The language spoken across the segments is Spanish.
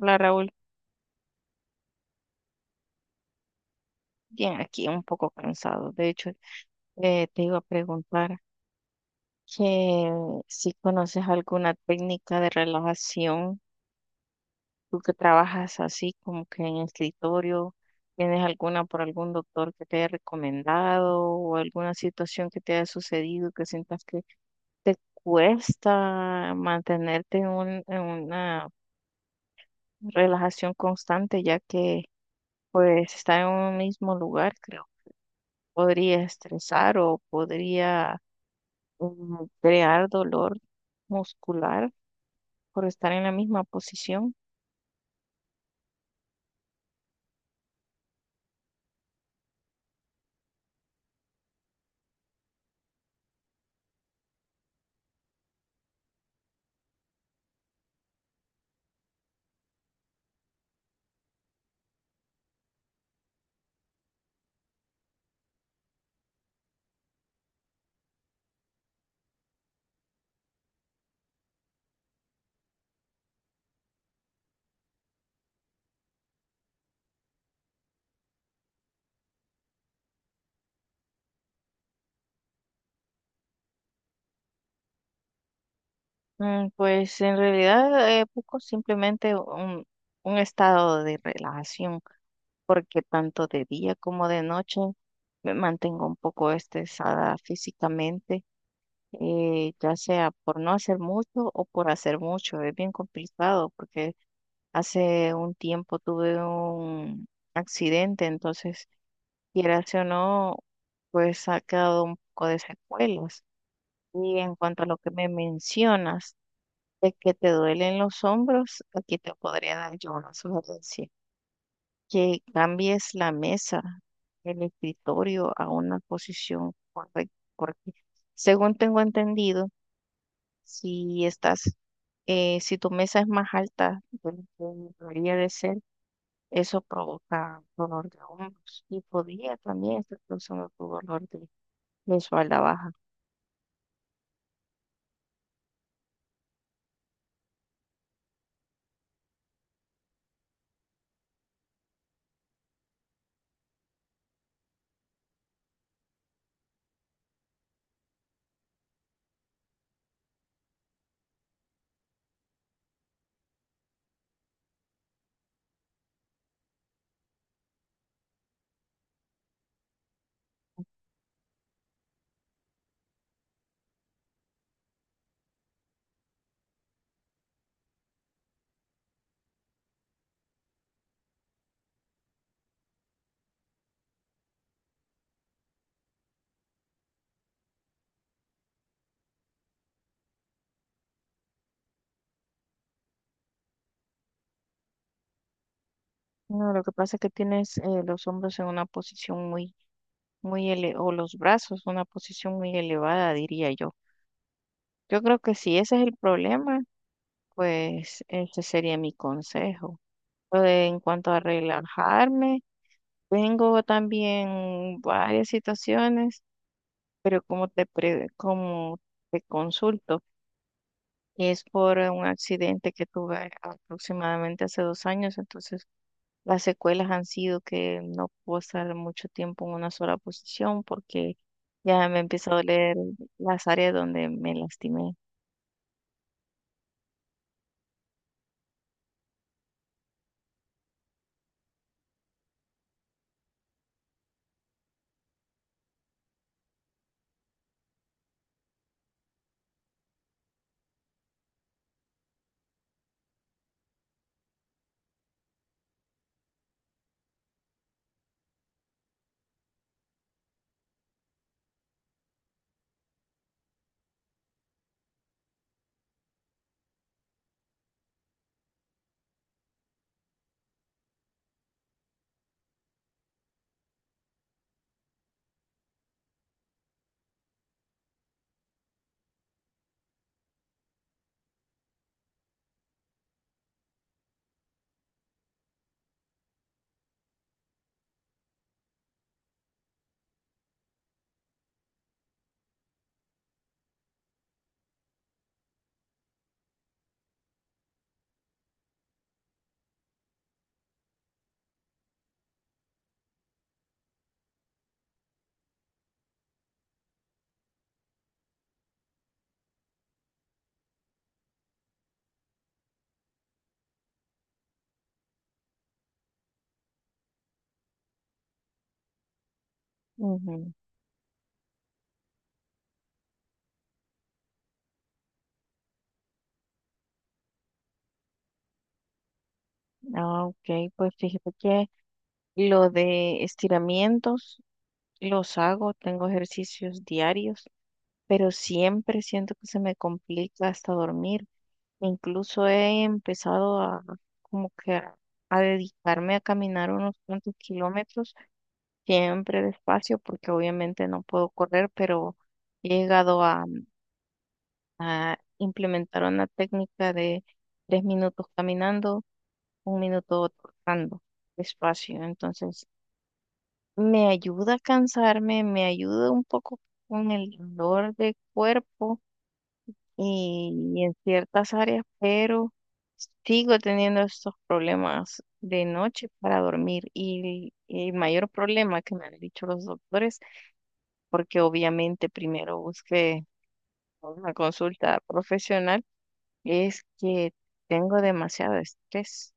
Hola Raúl, bien aquí, un poco cansado. De hecho, te iba a preguntar que si conoces alguna técnica de relajación, tú que trabajas así como que en escritorio. ¿Tienes alguna por algún doctor que te haya recomendado o alguna situación que te haya sucedido que sientas que te cuesta mantenerte en una relajación constante, ya que pues estar en un mismo lugar, creo, podría estresar o podría crear dolor muscular por estar en la misma posición? Pues en realidad, busco simplemente un estado de relajación, porque tanto de día como de noche me mantengo un poco estresada físicamente, ya sea por no hacer mucho o por hacer mucho. Es bien complicado porque hace un tiempo tuve un accidente, entonces, quieras o no, pues ha quedado un poco de secuelas. Y en cuanto a lo que me mencionas, de que te duelen los hombros, aquí te podría dar yo una sugerencia, que cambies la mesa, el escritorio, a una posición correcta, porque, según tengo entendido, si estás, si tu mesa es más alta de lo que debería de ser, eso provoca dolor de hombros y podría también estar causando tu dolor de espalda baja. No, lo que pasa es que tienes, los hombros en una posición muy, muy ele o los brazos, una posición muy elevada, diría yo. Yo creo que si ese es el problema, pues ese sería mi consejo. Lo de- en cuanto a relajarme, tengo también varias situaciones, pero como te consulto, es por un accidente que tuve aproximadamente hace 2 años. Entonces, las secuelas han sido que no puedo estar mucho tiempo en una sola posición porque ya me empezó a doler las áreas donde me lastimé. Ujú. Ah, ok, pues fíjate que lo de estiramientos los hago, tengo ejercicios diarios, pero siempre siento que se me complica hasta dormir. Incluso he empezado a, como que a dedicarme a caminar unos cuantos kilómetros, siempre despacio, porque obviamente no puedo correr, pero he llegado a implementar una técnica de 3 minutos caminando, 1 minuto trotando despacio. Entonces, me ayuda a cansarme, me ayuda un poco con el dolor de cuerpo y en ciertas áreas, pero sigo teniendo estos problemas de noche para dormir, y el mayor problema que me han dicho los doctores, porque obviamente primero busqué una consulta profesional, es que tengo demasiado estrés.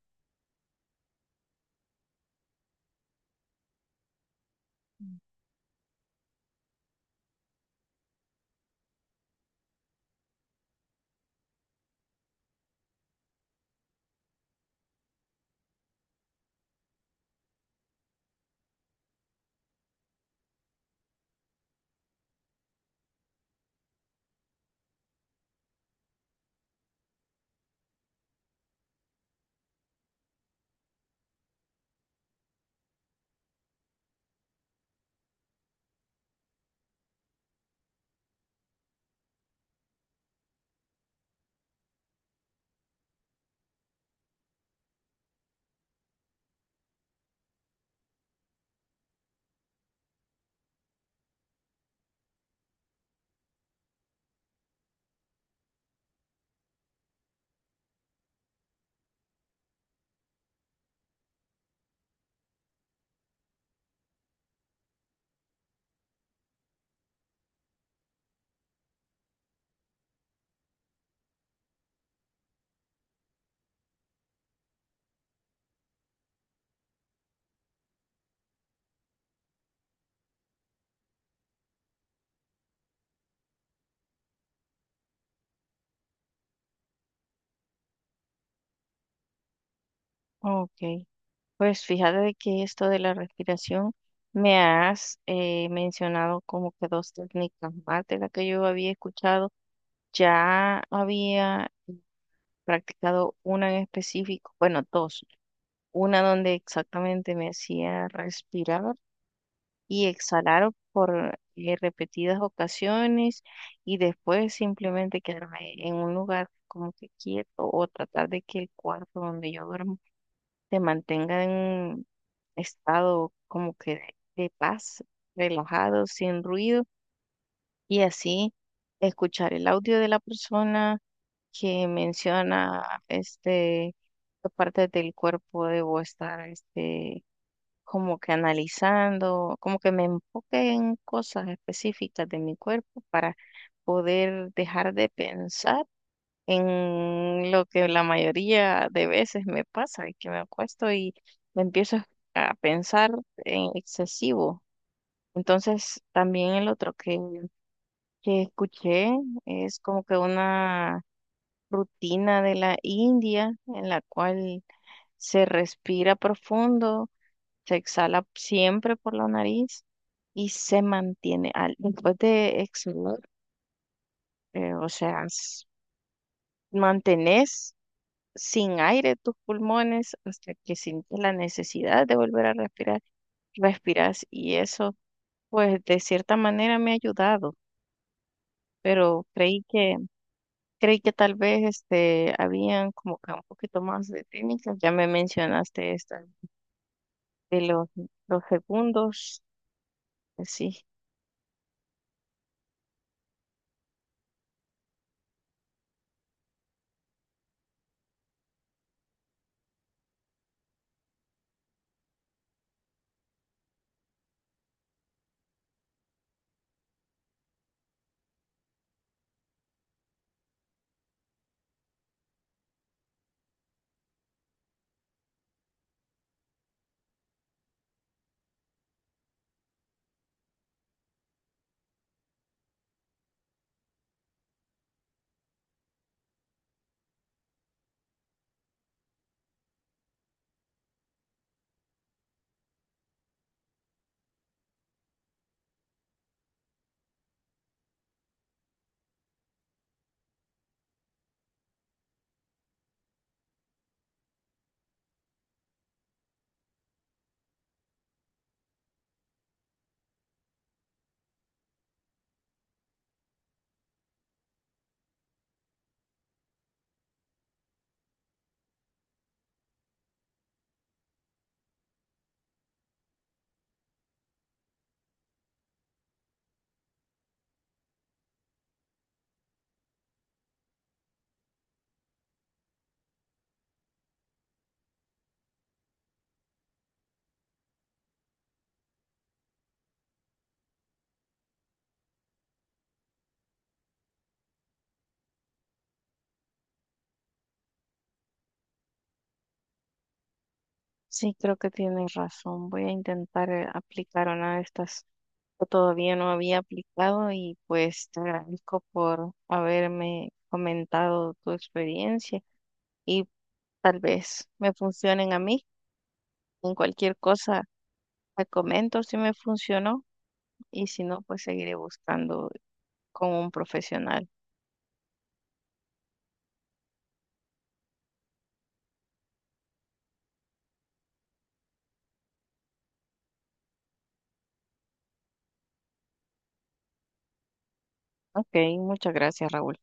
Ok, pues fíjate de que esto de la respiración me has, mencionado como que dos técnicas más de las que yo había escuchado. Ya había practicado una en específico, bueno, dos. Una donde exactamente me hacía respirar y exhalar por, repetidas ocasiones, y después simplemente quedarme en un lugar como que quieto, o tratar de que el cuarto donde yo duermo se mantenga en estado como que de paz, relajado, sin ruido, y así escuchar el audio de la persona que menciona este qué partes del cuerpo debo estar, este, como que analizando, como que me enfoque en cosas específicas de mi cuerpo para poder dejar de pensar en lo que la mayoría de veces me pasa, y que me acuesto y me empiezo a pensar en excesivo. Entonces, también el otro que escuché es como que una rutina de la India, en la cual se respira profundo, se exhala siempre por la nariz, y se mantiene al, después de exhalar, o sea, mantenés sin aire tus pulmones hasta que sientes la necesidad de volver a respirar, respiras, y eso pues de cierta manera me ha ayudado, pero creí que tal vez este habían como que un poquito más de técnicas. Ya me mencionaste esta de los segundos, sí. Sí, creo que tienes razón. Voy a intentar, aplicar una de estas que todavía no había aplicado, y pues te agradezco por haberme comentado tu experiencia, y tal vez me funcionen a mí. En cualquier cosa te comento si me funcionó, y si no, pues seguiré buscando con un profesional. Ok, muchas gracias, Raúl.